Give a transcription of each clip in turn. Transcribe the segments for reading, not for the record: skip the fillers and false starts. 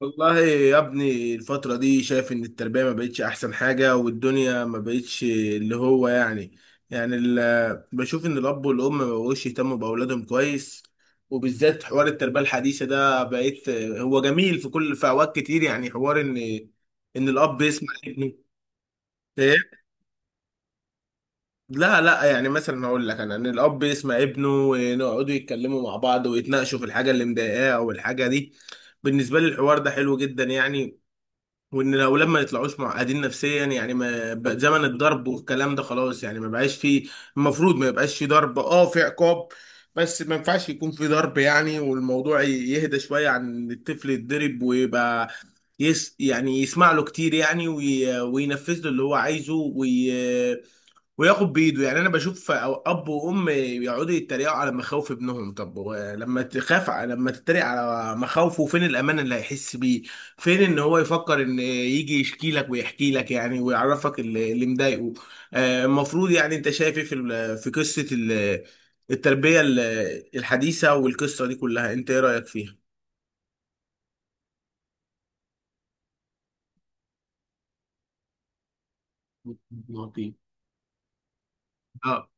والله يا ابني، الفترة دي شايف ان التربية ما بقتش احسن حاجة، والدنيا ما بقتش اللي هو بشوف ان الاب والام ما بقوش يهتموا باولادهم كويس. وبالذات حوار التربية الحديثة ده بقيت هو جميل في كل في اوقات كتير، يعني حوار ان الاب يسمع ابنه. إيه؟ لا لا، يعني مثلا هقول لك ان الاب يسمع ابنه ويقعدوا يتكلموا مع بعض ويتناقشوا في الحاجة اللي مضايقاه او الحاجة دي. بالنسبة لي الحوار ده حلو جدا يعني، وان الاولاد ما يطلعوش معقدين نفسيا. يعني ما بقى زمن الضرب والكلام ده، خلاص يعني ما بقاش فيه. المفروض ما يبقاش فيه ضرب، اه، في عقاب. بس ما ينفعش يكون فيه ضرب يعني، والموضوع يهدى شوية عن إن الطفل يتضرب ويبقى يس يعني يسمع له كتير يعني، وينفذ له اللي هو عايزه، وياخد بايده يعني. انا بشوف اب وام يقعدوا يتريقوا على مخاوف ابنهم، طب هو لما تخاف لما تتريق على مخاوفه، فين الامان اللي هيحس بيه؟ فين ان هو يفكر ان يجي يشكي لك ويحكي لك يعني ويعرفك اللي مضايقه. آه، المفروض يعني انت شايف ايه في في قصة التربية الحديثة، والقصة دي كلها انت ايه رأيك فيها؟ نعطيه. اه.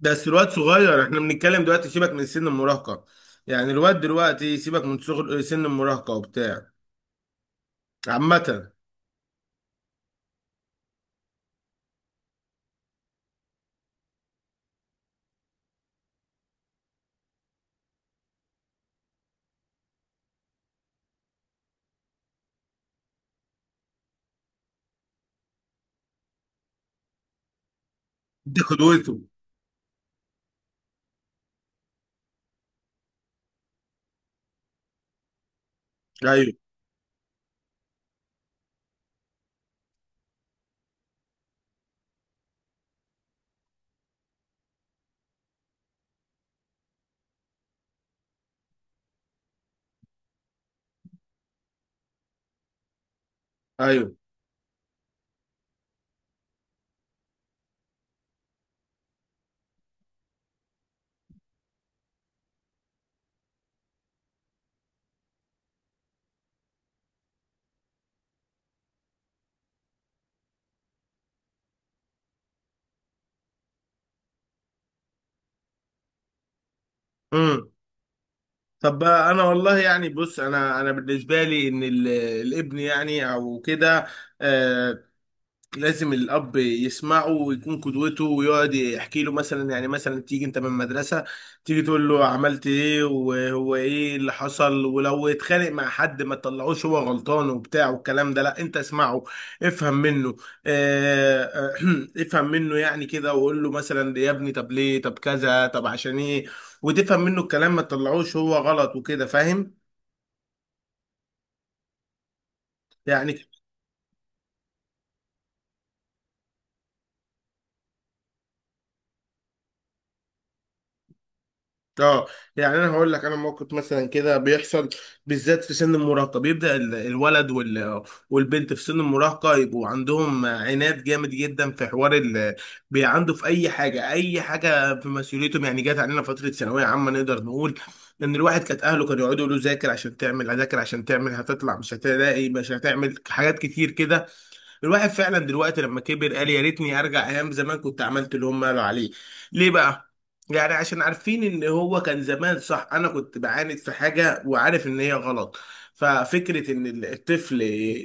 بس الواد صغير، احنا بنتكلم دلوقتي سيبك من سن المراهقة، يعني الواد دلوقتي سيبك من صغر سن المراهقة وبتاع. عامة. دي قدوته. ايوه. ايوه. امم. طب بقى انا والله يعني، بص، انا بالنسبة لي ان الابن يعني او كده، آه، لازم الاب يسمعه ويكون قدوته ويقعد يحكي له، مثلا يعني، مثلا تيجي انت من المدرسه، تيجي تقول له عملت ايه وهو ايه اللي حصل، ولو اتخانق مع حد ما تطلعوش هو غلطان وبتاع والكلام ده، لا، انت اسمعه، افهم منه. اه، افهم منه يعني كده، وقول له مثلا: يا ابني، طب ليه؟ طب كذا؟ طب عشان ايه؟ وتفهم منه الكلام، ما تطلعوش هو غلط وكده، فاهم يعني؟ اه. يعني انا هقول لك، انا موقف مثلا كده بيحصل، بالذات في سن المراهقه بيبدا الولد والبنت في سن المراهقه، يبقوا عندهم عناد جامد جدا في حوار عنده في اي حاجه، اي حاجه في مسؤوليتهم. يعني جات علينا فتره ثانويه عامه، نقدر نقول ان الواحد كانت اهله كانوا يقعدوا يقولوا: ذاكر عشان تعمل، هذاكر عشان تعمل هتطلع، مش هتلاقي، مش هتعمل حاجات كتير كده. الواحد فعلا دلوقتي لما كبر قال يا ريتني ارجع ايام زمان كنت عملت اللي هم قالوا عليه. ليه بقى؟ يعني عشان عارفين ان هو كان زمان صح، انا كنت بعاند في حاجه وعارف ان هي غلط. ففكره ان الطفل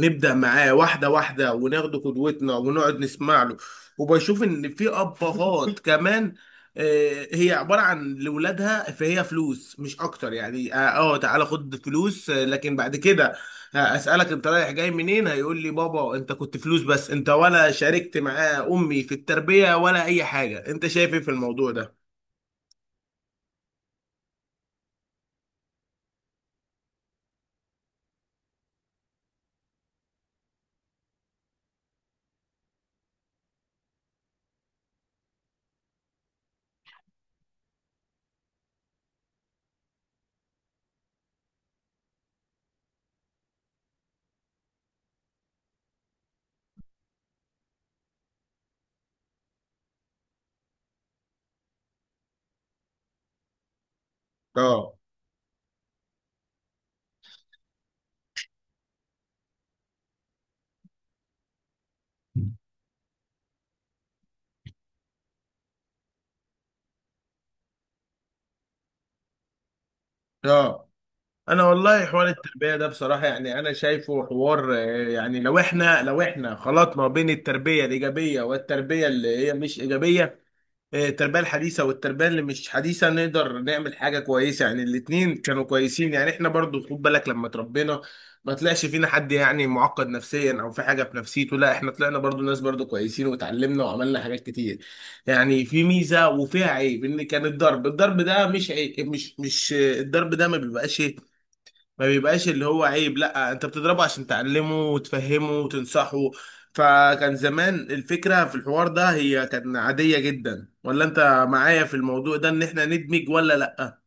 نبدا معاه واحده واحده وناخد قدوتنا ونقعد نسمع له. وبشوف ان في ابهات كمان، آه، هي عباره عن لاولادها فهي فلوس مش اكتر يعني، اه، آه، تعالى خد فلوس. آه، لكن بعد كده هسألك انت رايح جاي منين، هيقول لي: بابا انت كنت فلوس بس، انت ولا شاركت معاه امي في التربية ولا اي حاجة. انت شايف ايه في الموضوع ده؟ اه. اه. انا والله حوار التربية ده بصراحة، يعني انا شايفه حوار، آه، يعني لو احنا خلطنا بين التربية الايجابية والتربية اللي هي مش ايجابية، التربية الحديثة والتربية اللي مش حديثة، نقدر نعمل حاجة كويسة يعني، الاتنين كانوا كويسين يعني. احنا برضو خد بالك لما تربينا ما طلعش فينا حد يعني معقد نفسيا او في حاجة في نفسيته، لا، احنا طلعنا برضو ناس برضو كويسين واتعلمنا وعملنا حاجات كتير يعني. في ميزة وفيها عيب. ان كان الضرب، الضرب ده مش عيب، مش الضرب ده ما بيبقاش، اللي هو عيب. لا، انت بتضربه عشان تعلمه وتفهمه وتنصحه. فكان زمان الفكرة في الحوار ده هي كانت عادية جدا. ولا انت معايا في الموضوع ده ان احنا ندمج ولا لا؟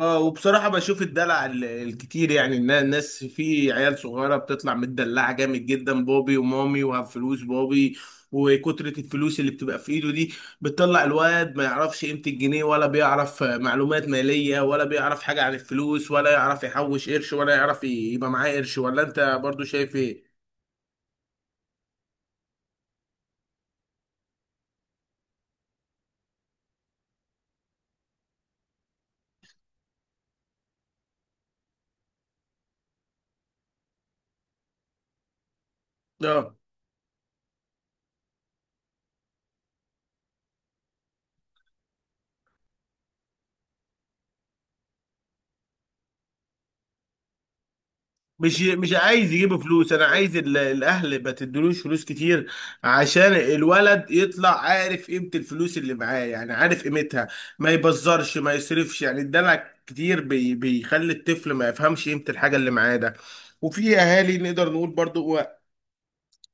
اه. وبصراحة بشوف الدلع الكتير يعني، إن الناس في عيال صغيرة بتطلع متدلعة جامد جدا، بابي ومامي وهب فلوس بابي، وكترة الفلوس اللي بتبقى في ايده دي بتطلع الواد ما يعرفش قيمة الجنيه، ولا بيعرف معلومات مالية، ولا بيعرف حاجة عن الفلوس، ولا يعرف يحوش قرش، ولا يعرف يبقى معاه قرش. ولا انت برضو شايف ايه؟ اه. مش عايز يجيبوا فلوس، انا عايز الاهل ما تدلوش فلوس كتير عشان الولد يطلع عارف قيمة الفلوس اللي معاه، يعني عارف قيمتها، ما يبزرش، ما يصرفش، يعني الدلع كتير بيخلي الطفل ما يفهمش قيمة الحاجة اللي معاه ده. وفي اهالي نقدر نقول برضو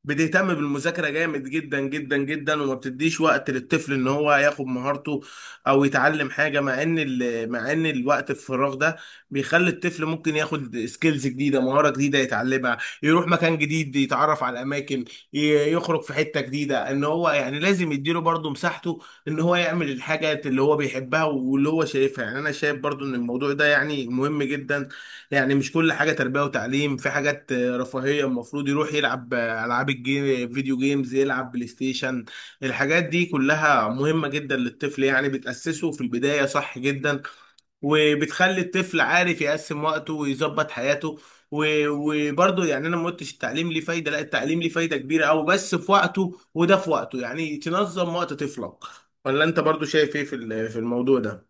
بتهتم بالمذاكرة جامد جدا جدا جدا، وما بتديش وقت للطفل ان هو ياخد مهارته او يتعلم حاجة، مع ان مع ان الوقت الفراغ ده بيخلي الطفل ممكن ياخد سكيلز جديدة، مهارة جديدة يتعلمها، يروح مكان جديد، يتعرف على اماكن، يخرج في حتة جديدة. ان هو يعني لازم يديله برضه مساحته ان هو يعمل الحاجات اللي هو بيحبها واللي هو شايفها. يعني انا شايف برضه ان الموضوع ده يعني مهم جدا، يعني مش كل حاجة تربية وتعليم، في حاجات، آه، رفاهية، المفروض يروح يلعب، آه، ألعاب الجيم، فيديو جيمز، يلعب بلاي ستيشن. الحاجات دي كلها مهمة جدا للطفل يعني، بتأسسه في البداية صح جدا، وبتخلي الطفل عارف يقسم وقته ويظبط حياته. وبرضه يعني انا ما قلتش التعليم ليه فايده، لا، التعليم ليه فايده كبيره قوي، بس في وقته، وده في وقته يعني تنظم وقت طفلك. ولا انت برضه شايف ايه في في الموضوع ده؟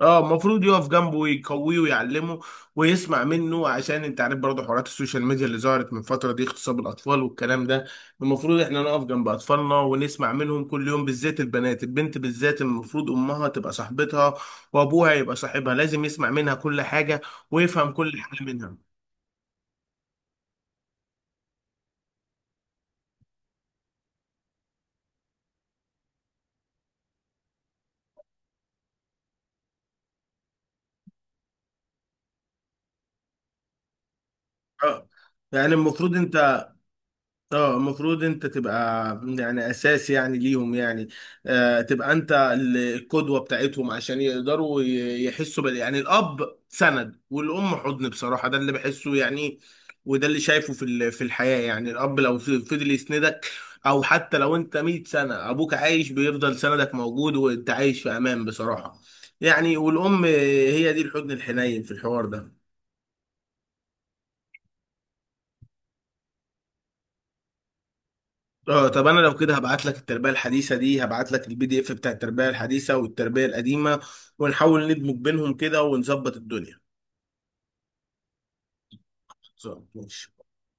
اه، المفروض يقف جنبه ويقويه ويعلمه ويسمع منه، عشان انت عارف برضه حوارات السوشيال ميديا اللي ظهرت من فتره دي اغتصاب الاطفال والكلام ده. المفروض احنا نقف جنب اطفالنا ونسمع منهم كل يوم، بالذات البنات، البنت بالذات المفروض امها تبقى صاحبتها وابوها يبقى صاحبها، لازم يسمع منها كل حاجه ويفهم كل حاجه منها. اه، يعني المفروض انت، اه، المفروض انت تبقى يعني اساس يعني ليهم يعني، آه، تبقى انت القدوة بتاعتهم عشان يقدروا يحسوا يعني الاب سند والام حضن، بصراحة ده اللي بحسه يعني، وده اللي شايفه في في الحياة. يعني الاب لو فضل يسندك، او حتى لو انت 100 سنة ابوك عايش، بيفضل سندك موجود وانت عايش في امان بصراحة يعني. والام هي دي الحضن الحنين في الحوار ده. اه، طب انا لو كده هبعت لك التربيه الحديثه دي، هبعت لك البي دي اف بتاع التربيه الحديثه والتربيه القديمه، ونحاول ندمج بينهم كده ونظبط الدنيا. خلصان. ماشي.